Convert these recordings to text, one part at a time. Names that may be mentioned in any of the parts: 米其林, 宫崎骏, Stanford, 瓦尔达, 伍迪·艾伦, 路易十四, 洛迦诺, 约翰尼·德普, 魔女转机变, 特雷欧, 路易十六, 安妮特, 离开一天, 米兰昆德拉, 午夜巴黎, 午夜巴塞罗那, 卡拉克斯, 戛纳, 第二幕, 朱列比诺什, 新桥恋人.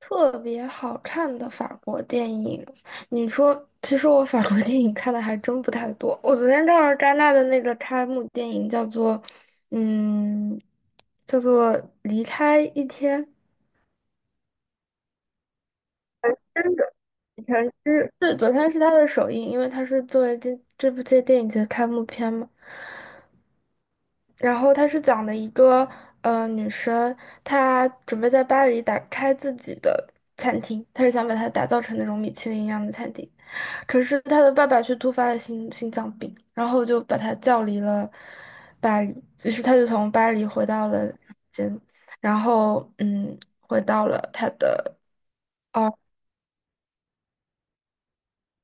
特别好看的法国电影，你说，其实我法国电影看的还真不太多。我昨天看了戛纳的那个开幕电影，嗯，叫做《离开一天》，真的，李承之。对，昨天是他的首映，因为他是作为这电影节的开幕片嘛。然后他是讲的一个女生，她准备在巴黎打开自己的餐厅，她是想把它打造成那种米其林一样的餐厅。可是他的爸爸却突发了心脏病，然后就把他叫离了巴黎，于是他就从巴黎回到了间，然后回到了他的，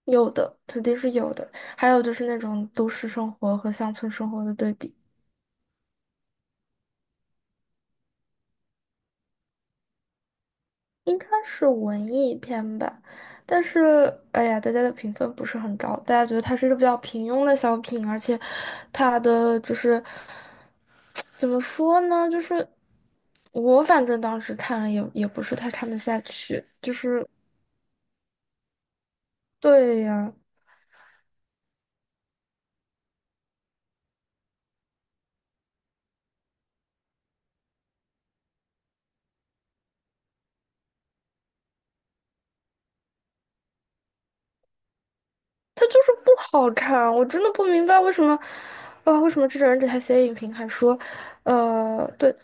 有的肯定是有的，还有就是那种都市生活和乡村生活的对比。应该是文艺片吧，但是哎呀，大家的评分不是很高，大家觉得它是一个比较平庸的小品，而且它的就是怎么说呢，就是我反正当时看了也不是太看得下去，就是，对呀，它就是不好看，我真的不明白为什么，啊、为什么这种人给他写影评还说，对。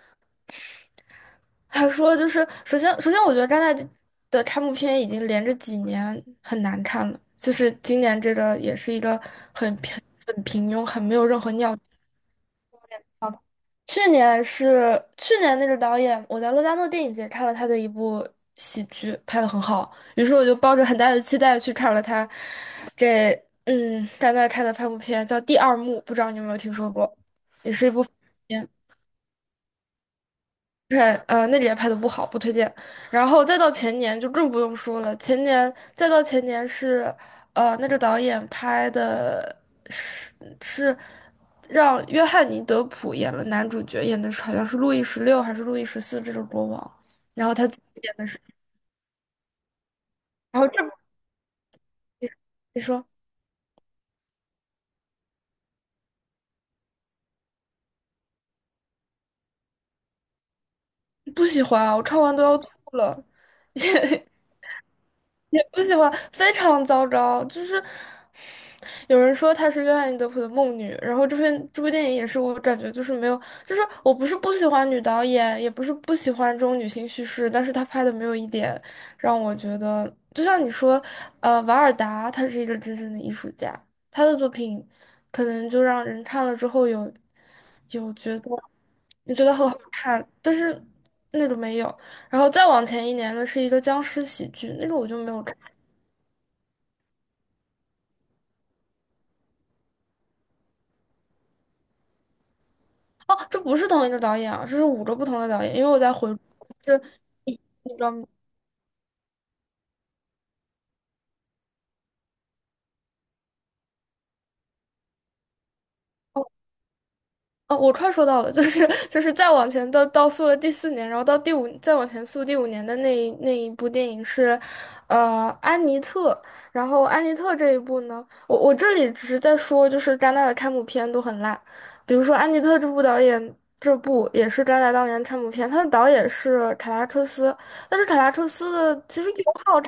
他说就是，首先我觉得戛纳的开幕片已经连着几年很难看了，就是今年这个也是一个很平庸、很没有任何尿点。去年那个导演，我在洛迦诺电影节看了他的一部喜剧，拍的很好，于是我就抱着很大的期待去看了他给戛纳开的开幕片，叫《第二幕》，不知道你有没有听说过，也是一部。看，呃，那里也拍的不好，不推荐。然后再到前年就更不用说了，前年再到前年是，呃，那个导演拍的是，是让约翰尼·德普演了男主角，演的是好像是路易十六还是路易十四这个国王，然后他自己演的是，然后这部片，你说，不喜欢啊，我看完都要吐了。也不喜欢，非常糟糕。就是有人说她是约翰尼德普的梦女，然后这篇这部电影也是，我感觉就是没有，就是我不是不喜欢女导演，也不是不喜欢这种女性叙事，但是她拍的没有一点让我觉得，就像你说，呃，瓦尔达她是一个真正的艺术家，她的作品可能就让人看了之后有，觉得。你觉得很好看，但是那个没有。然后再往前一年的是一个僵尸喜剧，那个我就没有看。哦，这不是同一个导演啊，这是五个不同的导演，因为我在回顾，这，你知那个。哦，哦，我快说到了，就是，就是再往前到溯了第四年，然后到第五，再往前溯第五年的那一部电影是，呃，《安妮特》。然后《安妮特》这一部呢，我这里只是在说，就是戛纳的开幕片都很烂，比如说《安妮特》这部导演，这部也是戛纳当年的开幕片，他的导演是凯拉克斯，但是凯拉克斯的其实友好。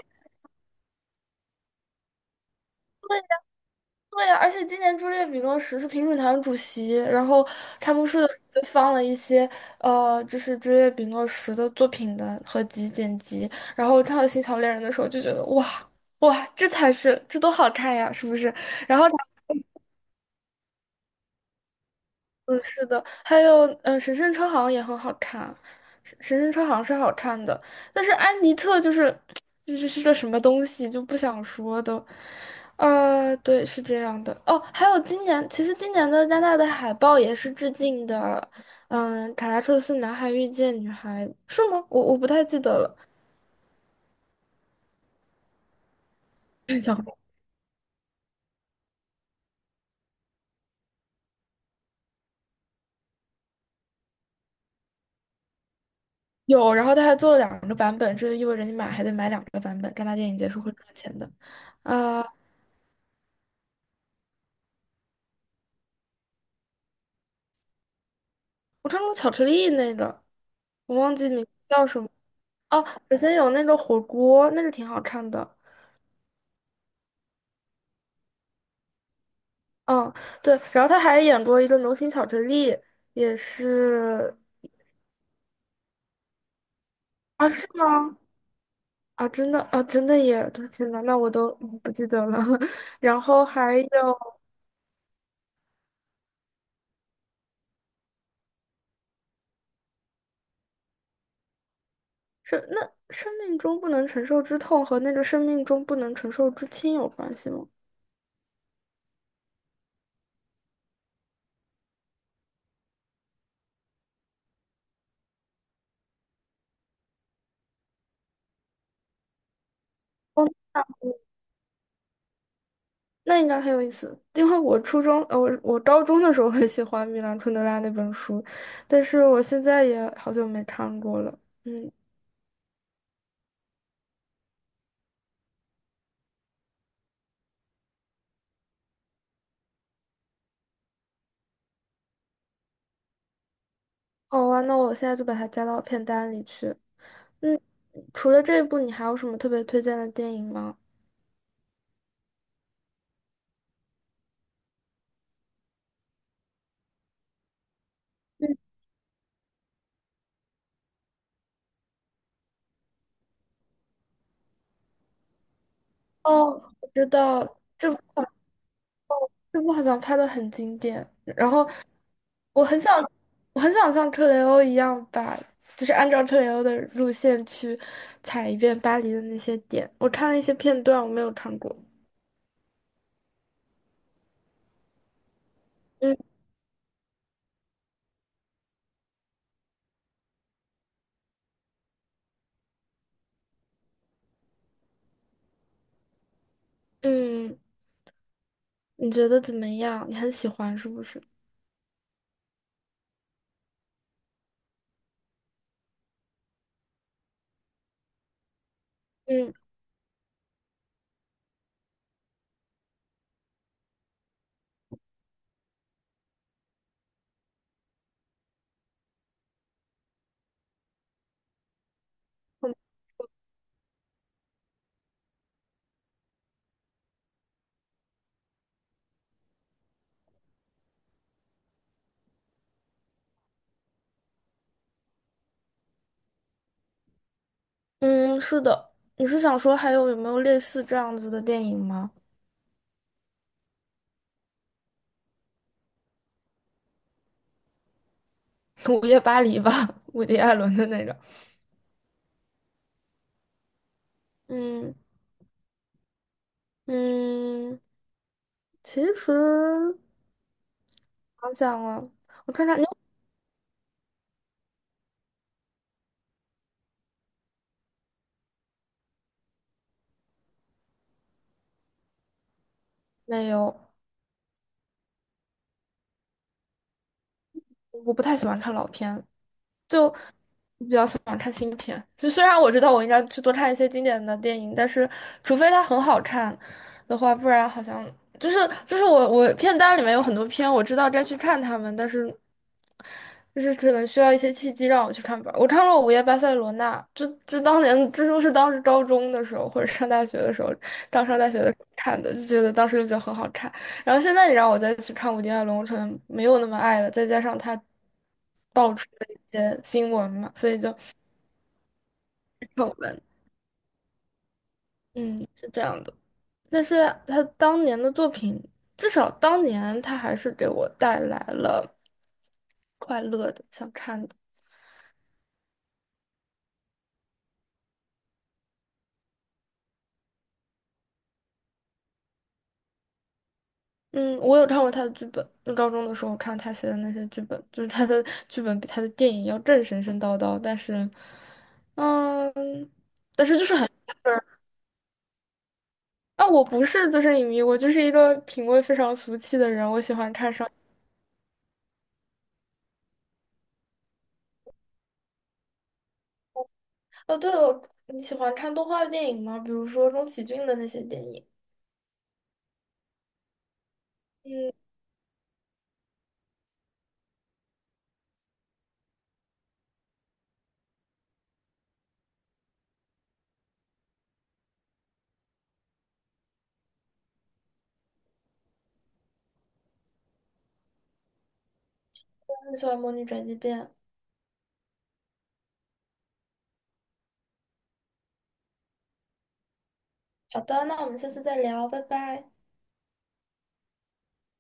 对呀，而且今年朱列比诺什是评审团主席，然后开幕式的时候就放了一些，呃，就是朱列比诺什的作品的合集剪辑，然后看到《新桥恋人》的时候就觉得哇，哇，这才是，这多好看呀，是不是？然后，是的，还有，神圣车好像也很好看，神圣车好像是好看的，但是安妮特就是，就是是个什么东西就不想说的，呃，对，是这样的。哦，还有今年，其实今年的戛纳的海报也是致敬的，嗯，卡拉克斯男孩遇见女孩是吗？我不太记得了，想，有，然后他还做了两个版本，这就意味着你买还得买两个版本，戛纳电影节是会赚钱的。呃，我看过巧克力那个，我忘记名字叫什么。哦，北先有那个火锅，那个挺好看的。嗯，对，然后他还演过一个《流行巧克力》，也是。啊，是吗？啊，真的啊，真的耶！天呐，那我都不记得了。然后还有，是那，《生命中不能承受之痛》和那个《生命中不能承受之轻》有关系吗？那应该很有意思，因为我初中，呃，我高中的时候很喜欢米兰昆德拉那本书，但是我现在也好久没看过了。嗯，好啊，那我现在就把它加到片单里去。嗯，除了这一部，你还有什么特别推荐的电影吗？哦，我知道这部好像拍的很经典，然后我很想，我很想像特雷欧一样把，就是按照特雷欧的路线去踩一遍巴黎的那些点。我看了一些片段，我没有看过。嗯，嗯，你觉得怎么样？你很喜欢是不是？嗯，嗯，是的。你是想说还有有没有类似这样子的电影吗？午夜巴黎吧，伍迪·艾伦的那种。嗯，嗯，其实想想啊，我看看你有没有，我不太喜欢看老片，就比较喜欢看新片。就虽然我知道我应该去多看一些经典的电影，但是除非它很好看的话，不然好像就是，就是我片单里面有很多片，我知道该去看它们，但是就是可能需要一些契机让我去看吧。我看过《午夜巴塞罗那》，这都是当时高中的时候或者上大学的时候，刚上大学的时候看的，就觉得当时就觉得很好看。然后现在你让我再去看《武丁爱龙城》，没有那么爱了，再加上他爆出的一些新闻嘛，所以就，丑闻，嗯，是这样的。但是他当年的作品，至少当年他还是给我带来了快乐的、想看的。嗯，我有看过他的剧本，就高中的时候看他写的那些剧本，就是他的剧本比他的电影要更神神叨叨，但是，嗯。啊，我不是资深影迷，我就是一个品味非常俗气的人。我喜欢看商……哦，对哦，你喜欢看动画电影吗？比如说宫崎骏的那些电影。嗯，我很喜欢《魔女转机变》。好的，那我们下次再聊，拜拜。